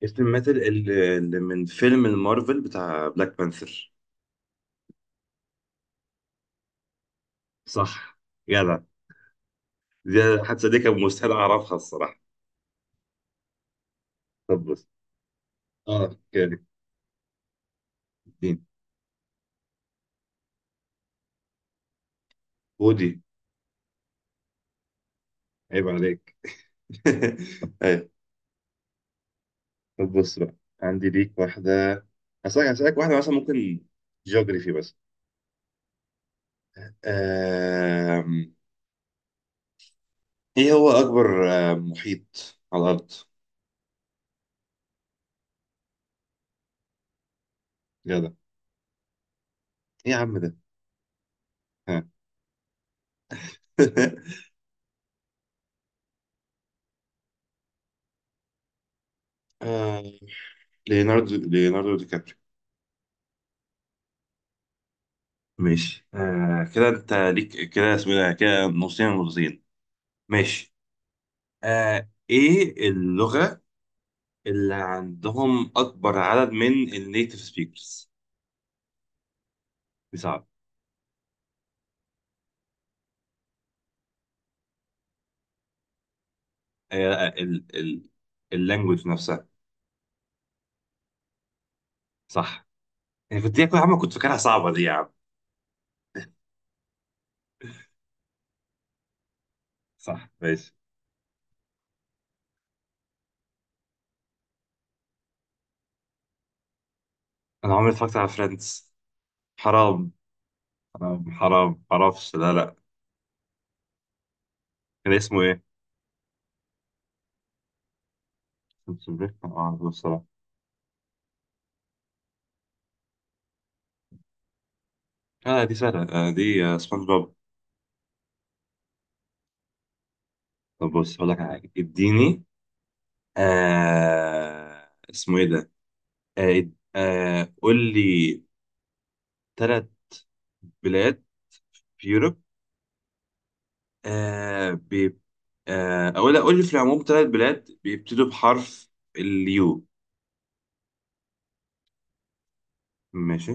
كابتن ماتل اللي من فيلم المارفل بتاع بلاك بانثر. صح. جدع. دي. حتى دي كان مستحيل اعرفها الصراحه. طب بص. اه كده. الدين. ودي. عيب عليك. ايوه. طب بص بقى. عندي ليك واحده. هسألك واحده مثلا ممكن. جيوغرافي بس. آم... ايه هو اكبر محيط على الارض؟ جدع. ايه يا عم ده. ها. آه، ليوناردو دي كابريو. ماشي كده انت ليك كده اسمه ايه ده كده نصين ونصين. ماشي. ايه اللغة اللي عندهم اكبر عدد من النيتيف سبيكرز؟ صعب. ال اللانجوج نفسها. صح. انا كنت يا عم كنت فاكرها صعبة دي يا عم. صح ماشي. انا عمري ما اتفرجت على فريندز. حرام حرام حرام معرفش، لا لا. كان اسمه ايه؟ ما اعرفش بصراحة. اه دي سهلة، دي سبونج بوب. طب بص هقول لك على حاجة اديني. اسمه ايه ده. آه قول لي ثلاث بلاد في يوروب. آه بي آه او لا قول لي في العموم ثلاث بلاد بيبتدوا بحرف اليو. ماشي.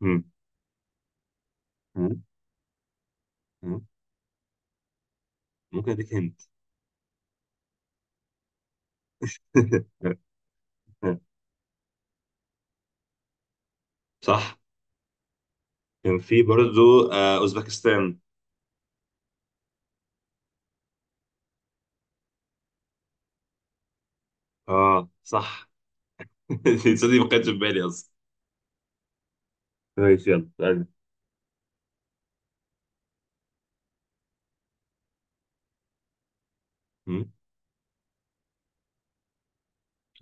مم. مم. مم. ممكن اديك هنت. صح. كان في برضو اوزبكستان. اه صح. دي ما كانتش في بالي اصلا. كويس يلا تعالى. مم.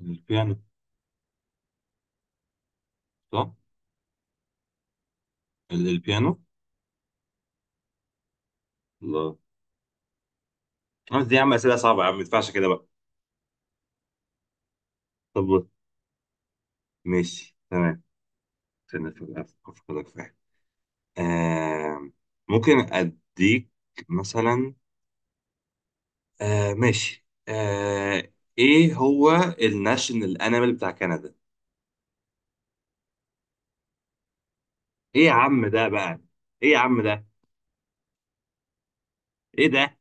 البيانو. صح. البيانو. الله. قلت يا عم اسئله صعبه يا عم ما ينفعش كده بقى. طب بص، ماشي تمام. استنى افكرك في حاجه. آه ممكن اديك مثلا. ماشي ايه هو الناشونال انيمال بتاع كندا؟ ايه يا عم ده بقى. ايه يا عم ده. ايه ده.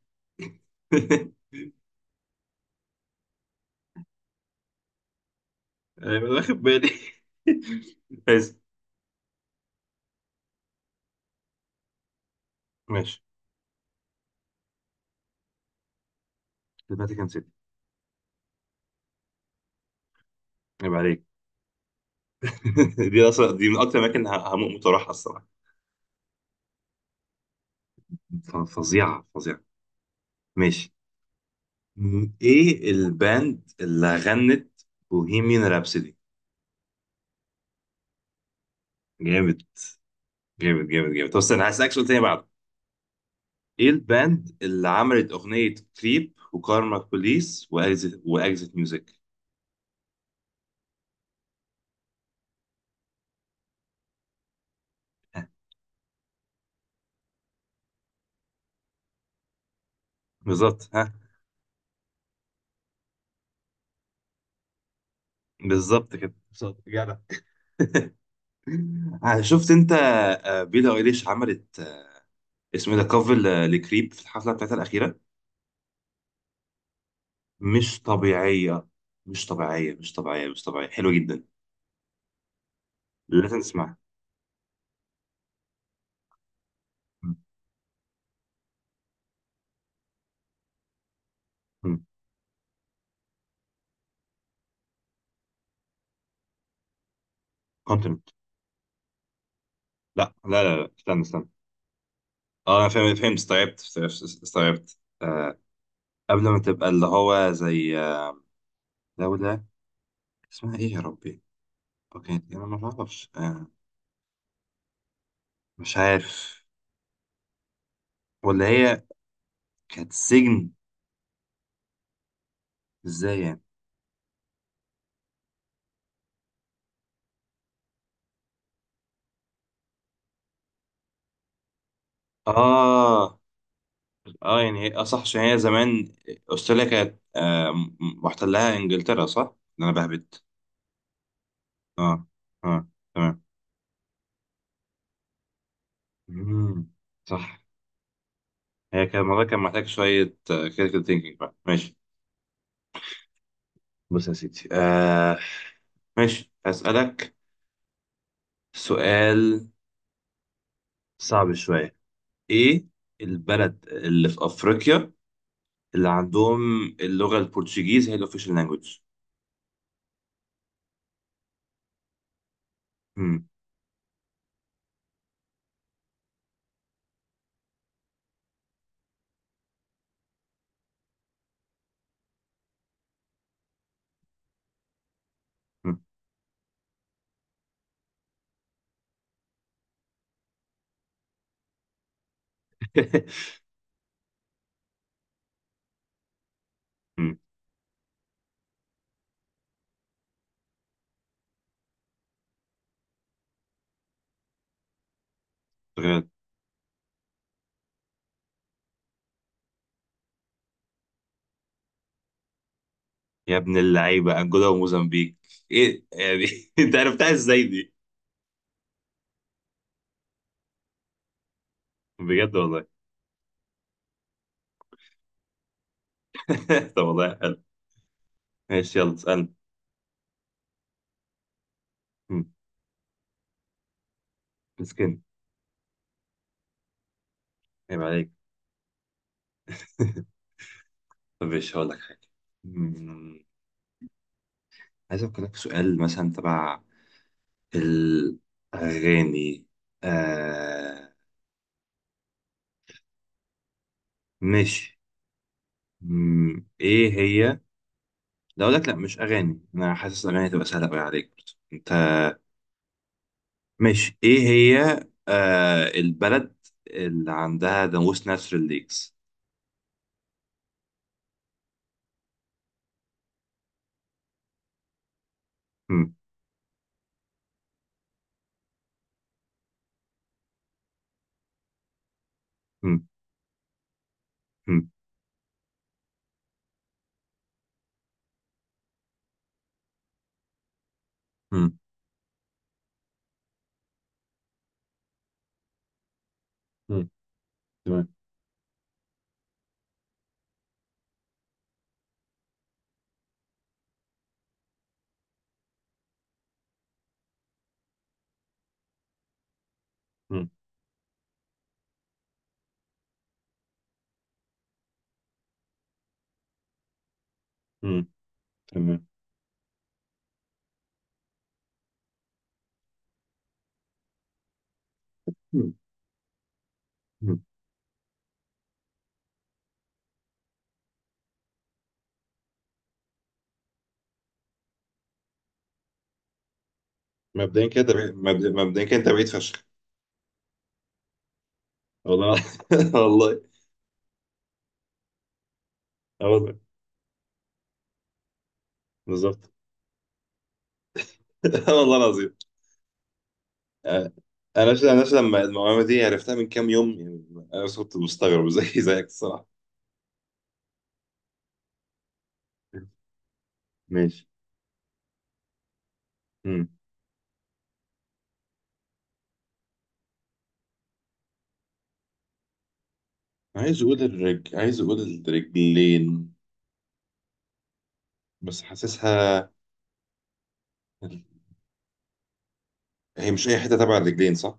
انا مش واخد بالي. بس. ماشي. دلوقتي كان سيتي. عيب عليك. دي اصلا دي من اكتر الاماكن اللي هموت واروحها الصراحه. فظيعه فظيعه. ماشي. ايه الباند اللي غنت بوهيميان رابسودي؟ جامد جامد جامد جامد. طب استنى هسألك سؤال تاني بعده. ايه الباند اللي عملت اغنية كريب وكارما بوليس واكزيت واكزيت ميوزك؟ ها، بالظبط ها بالظبط كده بالظبط جدع. شفت انت بيلي ايليش عملت اسمه ايه ده كفر لكريب في الحفلة بتاعتها الأخيرة. مش طبيعية مش طبيعية مش طبيعية مش طبيعية حلوة جدا. لازم تسمعها. كونتنت. لا لا لا لا، استنى استنى. اه انا فهمت فهمت. استوعبت استوعبت قبل ما تبقى اللي هو زي دولة اسمها ايه يا ربي؟ اوكي انا ما اعرفش مش عارف. ولا هي كانت سجن. ازاي يعني؟ اه اه يعني اه صح عشان هي زمان استراليا كانت محتلها انجلترا، صح؟ إن انا بهبت. اه اه تمام. مم. صح. هي كان الموضوع كان محتاج شوية كريتيكال ثينكينج بقى، ماشي. بص يا سيدي ماشي هسألك سؤال صعب شوية. ايه البلد اللي في افريقيا اللي عندهم اللغة البرتغيز هي الاوفيشال لانجوج؟ مم. مم. مم. تخيل. يا ابن اللعيبة انجولا وموزمبيق. ايه يعني، انت عرفتها ازاي دي. بجد والله. طب والله حلو. ماشي يلا اسألني. مم. مسكين. عيب عليك. طب ماشي هقول لك حاجة. مم. عايز أفكر لك في سؤال مثلا تبع الأغاني. آه ماشي. مم، ايه هي. لا اقول لك، لا مش اغاني، انا حاسس الاغاني هتبقى سهله قوي عليك برضه. انت ماشي ايه هي. البلد اللي عندها ناموس نسر الليكس. مم. مم. مم. مم. مم. تمام. مم. مم. تمام. مم. مم. مبدئيا كده انت بعيد فشخ. والله والله والله. بالظبط. والله العظيم. آه، لما المعلومه دي عرفتها من كام يوم يعني انا كنت مستغرب زي زيك الصراحه. ماشي. عايز اقول الرجلين بس حاسسها هي مش اي حته تبع الرجلين، صح.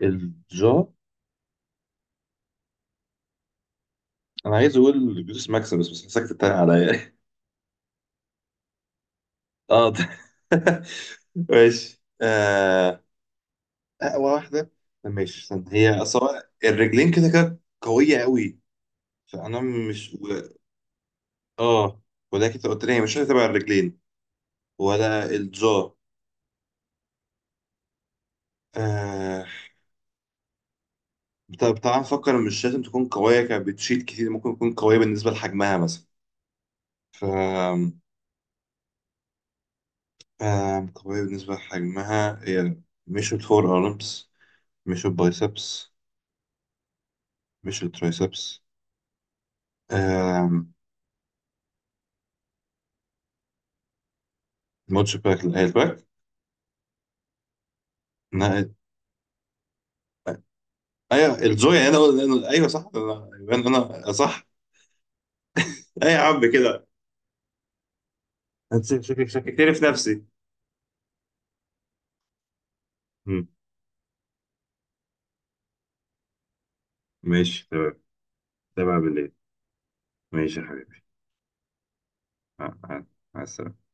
الجو. انا عايز اقول جلوس ماكسيمس بس حاسسك تتريق عليا. اه ده. ماشي اقوى واحده. ماشي استنى. هي اصلا الرجلين كده كده قويه قوي. فانا مش اه، ولكن انت قلت لي هي مش هتبقى الرجلين ولا الجو. آه. طب تعال نفكر إن مش لازم تكون قوية كانت بتشيل كتير، ممكن تكون قوية بالنسبة لحجمها مثلا. ف قوية بالنسبة لحجمها هي. مش الفور أرمز. مش البايسبس. مش الترايسبس. آم، ماتش باك، لا، هي الباك. لا، ايوه الزوية، ايوه صح انا يبقى انا صح. اي يا عم كده. أنت شككتني في نفسي. مم. ماشي تمام تمام بالليل. ماشي يا حبيبي. مع مع- مع السلامة.